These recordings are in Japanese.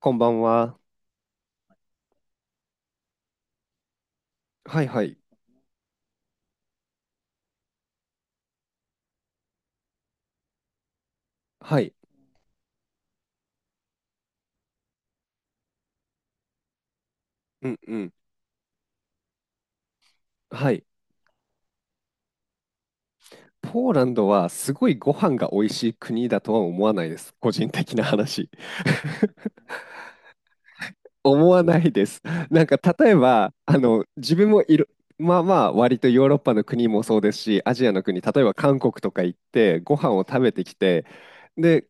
こんばんは。はいはい。はい。うんうん。はい。ポーランドはすごいご飯が美味しい国だとは思わないです。個人的な話。思わないです。なんか例えば、自分もいる、まあまあ割とヨーロッパの国もそうですし、アジアの国、例えば韓国とか行ってご飯を食べてきて、で、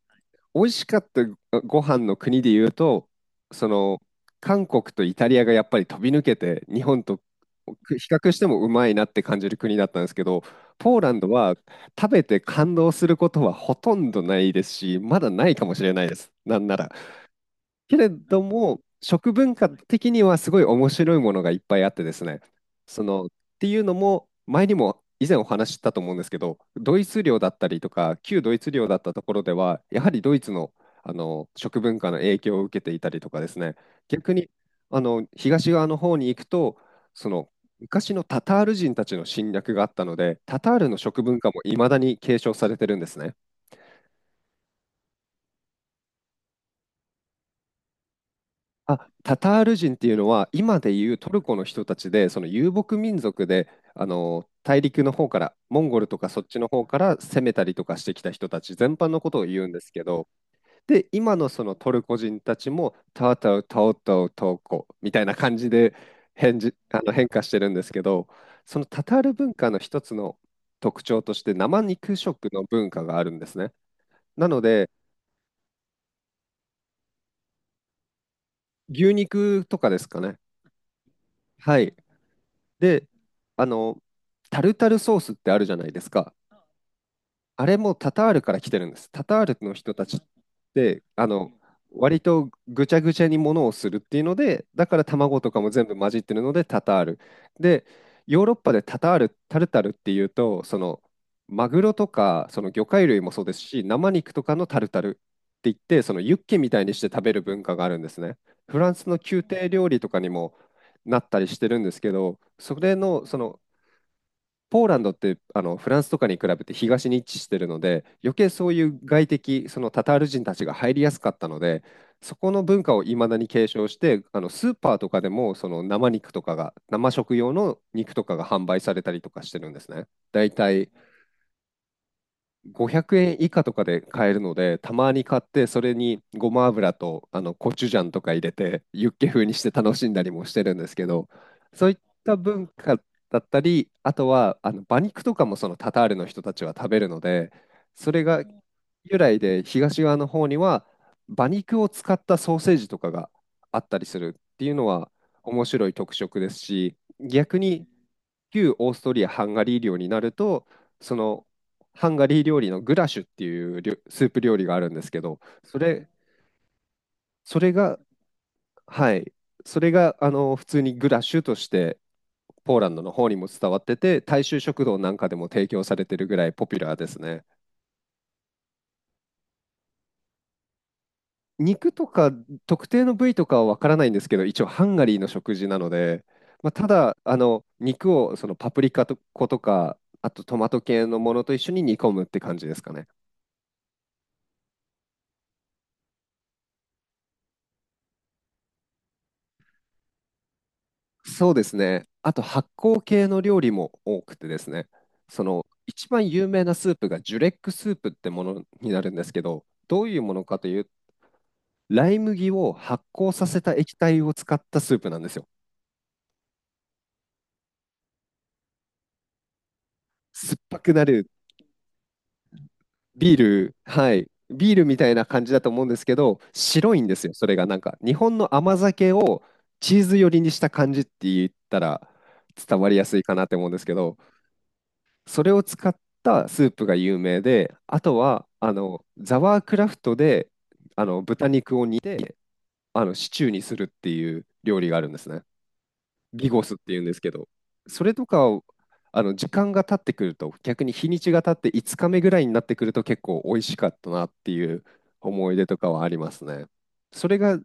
美味しかったご飯の国で言うと、その、韓国とイタリアがやっぱり飛び抜けて、日本と比較してもうまいなって感じる国だったんですけど、ポーランドは食べて感動することはほとんどないですし、まだないかもしれないです。なんなら。けれども、食文化的にはすごい面白いものがいっぱいあってですね。っていうのも、前にも以前お話ししたと思うんですけど、ドイツ領だったりとか、旧ドイツ領だったところでは、やはりドイツの、食文化の影響を受けていたりとかですね、逆に東側の方に行くと、その昔のタタール人たちの侵略があったので、タタールの食文化もいまだに継承されてるんですね。あ、タタール人っていうのは今でいうトルコの人たちで、その遊牧民族で、大陸の方からモンゴルとかそっちの方から攻めたりとかしてきた人たち全般のことを言うんですけど、で今のそのトルコ人たちもタウタウタオタウトウコみたいな感じで変じ、あの変化してるんですけど、そのタタール文化の一つの特徴として生肉食の文化があるんですね。なので牛肉とかですかね。はい。で、あの、タルタルソースってあるじゃないですか。あれもタタールから来てるんです。タタールの人たちって、割とぐちゃぐちゃにものをするっていうので、だから卵とかも全部混じってるのでタタール。で、ヨーロッパでタタール、タルタルっていうと、マグロとか、その魚介類もそうですし、生肉とかのタルタルって言って、そのユッケみたいにして食べる文化があるんですね。フランスの宮廷料理とかにもなったりしてるんですけど、それの、その、ポーランドってフランスとかに比べて東に位置してるので、余計そういう外敵、そのタタール人たちが入りやすかったので、そこの文化をいまだに継承して、スーパーとかでもその生肉とかが、生食用の肉とかが販売されたりとかしてるんですね。だいたい500円以下とかで買えるので、たまに買って、それにごま油とコチュジャンとか入れて、ユッケ風にして楽しんだりもしてるんですけど、そういった文化だったり、あとは馬肉とかもそのタタールの人たちは食べるので、それが由来で東側の方には馬肉を使ったソーセージとかがあったりするっていうのは面白い特色ですし、逆に旧オーストリア・ハンガリー領になると、そのハンガリー料理のグラシュっていうスープ料理があるんですけど、それ、それが、はい、それが普通にグラシュとしてポーランドの方にも伝わってて、大衆食堂なんかでも提供されてるぐらいポピュラーですね。肉とか特定の部位とかはわからないんですけど、一応ハンガリーの食事なので、まあ、ただ肉をそのパプリカと粉とか、あとトマト系のものと一緒に煮込むって感じですかね。そうですね。あと発酵系の料理も多くてですね、その一番有名なスープがジュレックスープってものになるんですけど、どういうものかというと、ライ麦を発酵させた液体を使ったスープなんですよ。酸っぱくなるビール、はい、ビールみたいな感じだと思うんですけど、白いんですよ、それがなんか。日本の甘酒をチーズ寄りにした感じって言ったら伝わりやすいかなって思うんですけど、それを使ったスープが有名で、あとはザワークラフトで豚肉を煮てシチューにするっていう料理があるんですね。ビゴスっていうんですけど、それとかを時間が経ってくると、逆に日にちが経って5日目ぐらいになってくると結構美味しかったなっていう思い出とかはありますね。それが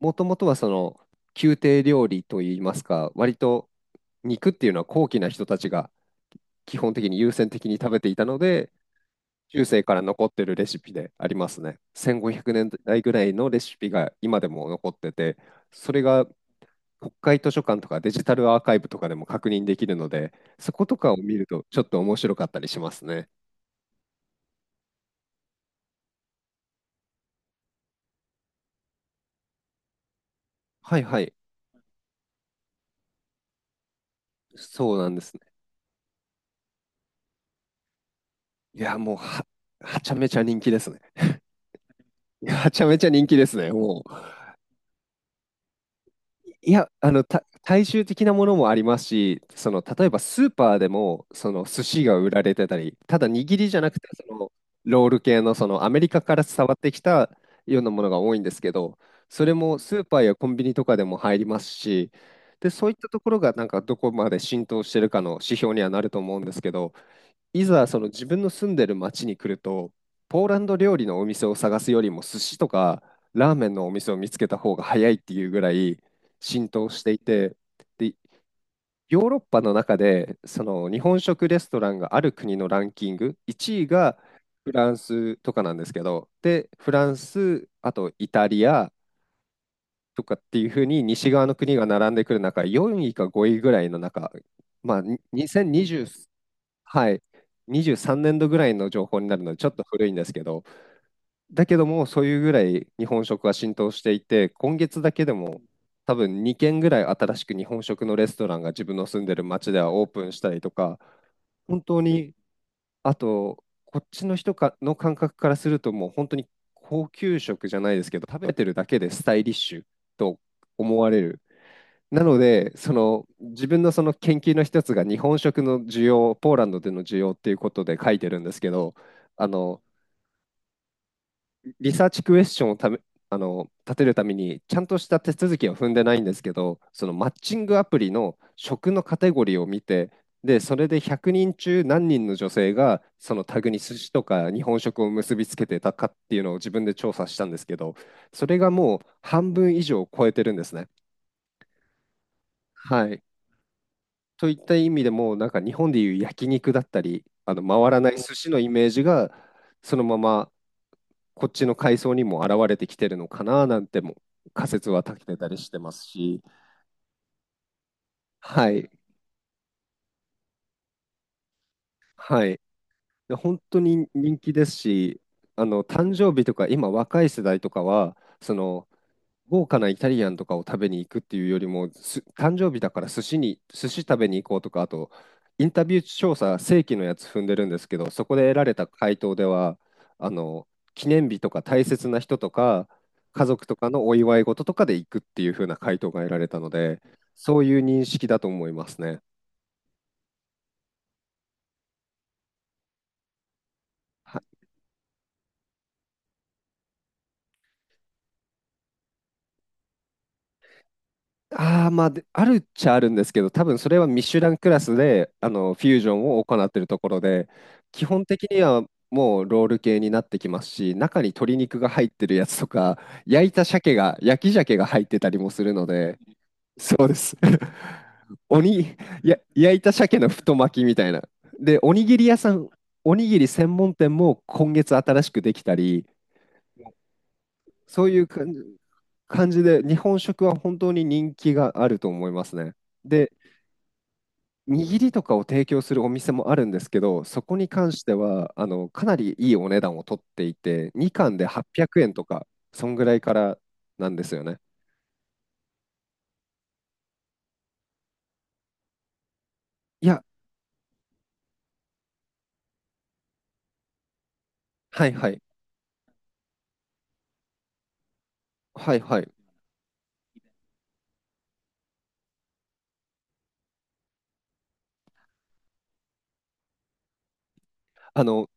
もともとはその宮廷料理といいますか、割と肉っていうのは高貴な人たちが基本的に優先的に食べていたので、中世から残ってるレシピでありますね。1500年代ぐらいのレシピが今でも残ってて、それが国会図書館とかデジタルアーカイブとかでも確認できるので、そことかを見るとちょっと面白かったりしますね。はいはい、そうなんですね。いや、もうは、はちゃめちゃ人気ですね。いや、はちゃめちゃ人気ですね。いや、大衆的なものもありますし、例えばスーパーでも、寿司が売られてたり、ただ握りじゃなくて、ロール系の、アメリカから伝わってきたようなものが多いんですけど、それもスーパーやコンビニとかでも入りますし、で、そういったところが、なんか、どこまで浸透してるかの指標にはなると思うんですけど、いざその自分の住んでる町に来ると、ポーランド料理のお店を探すよりも寿司とかラーメンのお店を見つけた方が早いっていうぐらい浸透していて、で、ヨーロッパの中でその日本食レストランがある国のランキング、1位がフランスとかなんですけど、で、フランス、あとイタリアとかっていうふうに西側の国が並んでくる中、4位か5位ぐらいの中、まあ、に2023、はい、23年度ぐらいの情報になるので、ちょっと古いんですけど、だけども、そういうぐらい日本食は浸透していて、今月だけでも、多分2軒ぐらい新しく日本食のレストランが自分の住んでる町ではオープンしたりとか、本当に、あと、こっちの人かの感覚からすると、もう本当に高級食じゃないですけど、食べてるだけでスタイリッシュと思われる。なので、その自分のその研究の一つが日本食の需要、ポーランドでの需要っていうことで書いてるんですけど、あのリサーチクエスチョンをため、立てるためにちゃんとした手続きは踏んでないんですけど、そのマッチングアプリの食のカテゴリーを見て、で、それで100人中何人の女性がそのタグに寿司とか日本食を結びつけてたかっていうのを自分で調査したんですけど、それがもう半分以上を超えてるんですね。はい。といった意味でも、なんか日本でいう焼肉だったり、あの回らない寿司のイメージが、そのままこっちの海藻にも現れてきてるのかななんても仮説は立てたりしてますし、はい、はい。で本当に人気ですし、誕生日とか、今、若い世代とかは、その豪華なイタリアンとかを食べに行くっていうよりも、誕生日だから寿司食べに行こうとか、あと、インタビュー調査、正規のやつ踏んでるんですけど、そこで得られた回答では、あの記念日とか大切な人とか、家族とかのお祝い事とかで行くっていう風な回答が得られたので、そういう認識だと思いますね。はい。ああ、まあ、であるっちゃあるんですけど、多分それはミシュランクラスで、フュージョンを行っているところで、基本的にはもうロール系になってきますし、中に鶏肉が入ってるやつとか、焼いた鮭が、焼き鮭が入ってたりもするので、そうです。鬼、焼いた鮭の太巻きみたいな。で、おにぎり屋さん、おにぎり専門店も今月新しくできたり、そういう感じで、日本食は本当に人気があると思いますね。で、握りとかを提供するお店もあるんですけど、そこに関しては、かなりいいお値段を取っていて、2貫で800円とか、そんぐらいからなんですよね。いや、はいはい、はいはい。あの、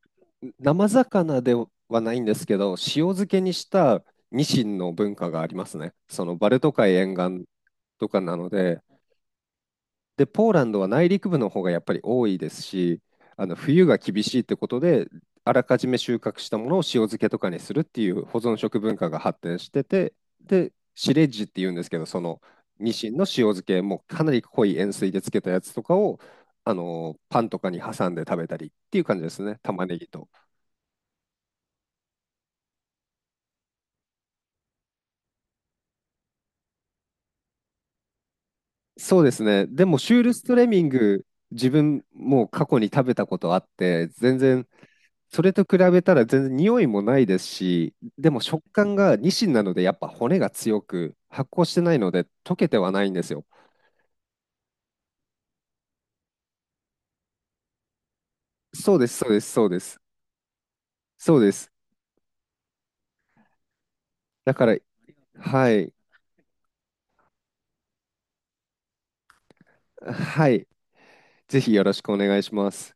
生魚ではないんですけど、塩漬けにしたニシンの文化がありますね。そのバルト海沿岸とかなので、で、ポーランドは内陸部の方がやっぱり多いですし、冬が厳しいってことで、あらかじめ収穫したものを塩漬けとかにするっていう保存食文化が発展してて、で、シレッジっていうんですけど、そのニシンの塩漬け、もうかなり濃い塩水で漬けたやつとかを、パンとかに挟んで食べたりっていう感じですね、玉ねぎと。そうですね、でもシュールストレミング、自分もう過去に食べたことあって、全然それと比べたら全然匂いもないですし、でも食感がニシンなのでやっぱ骨が強く発酵してないので溶けてはないんですよ。そうです、そうです、そうです。そうです。だから、はい、はい、ぜひよろしくお願いします。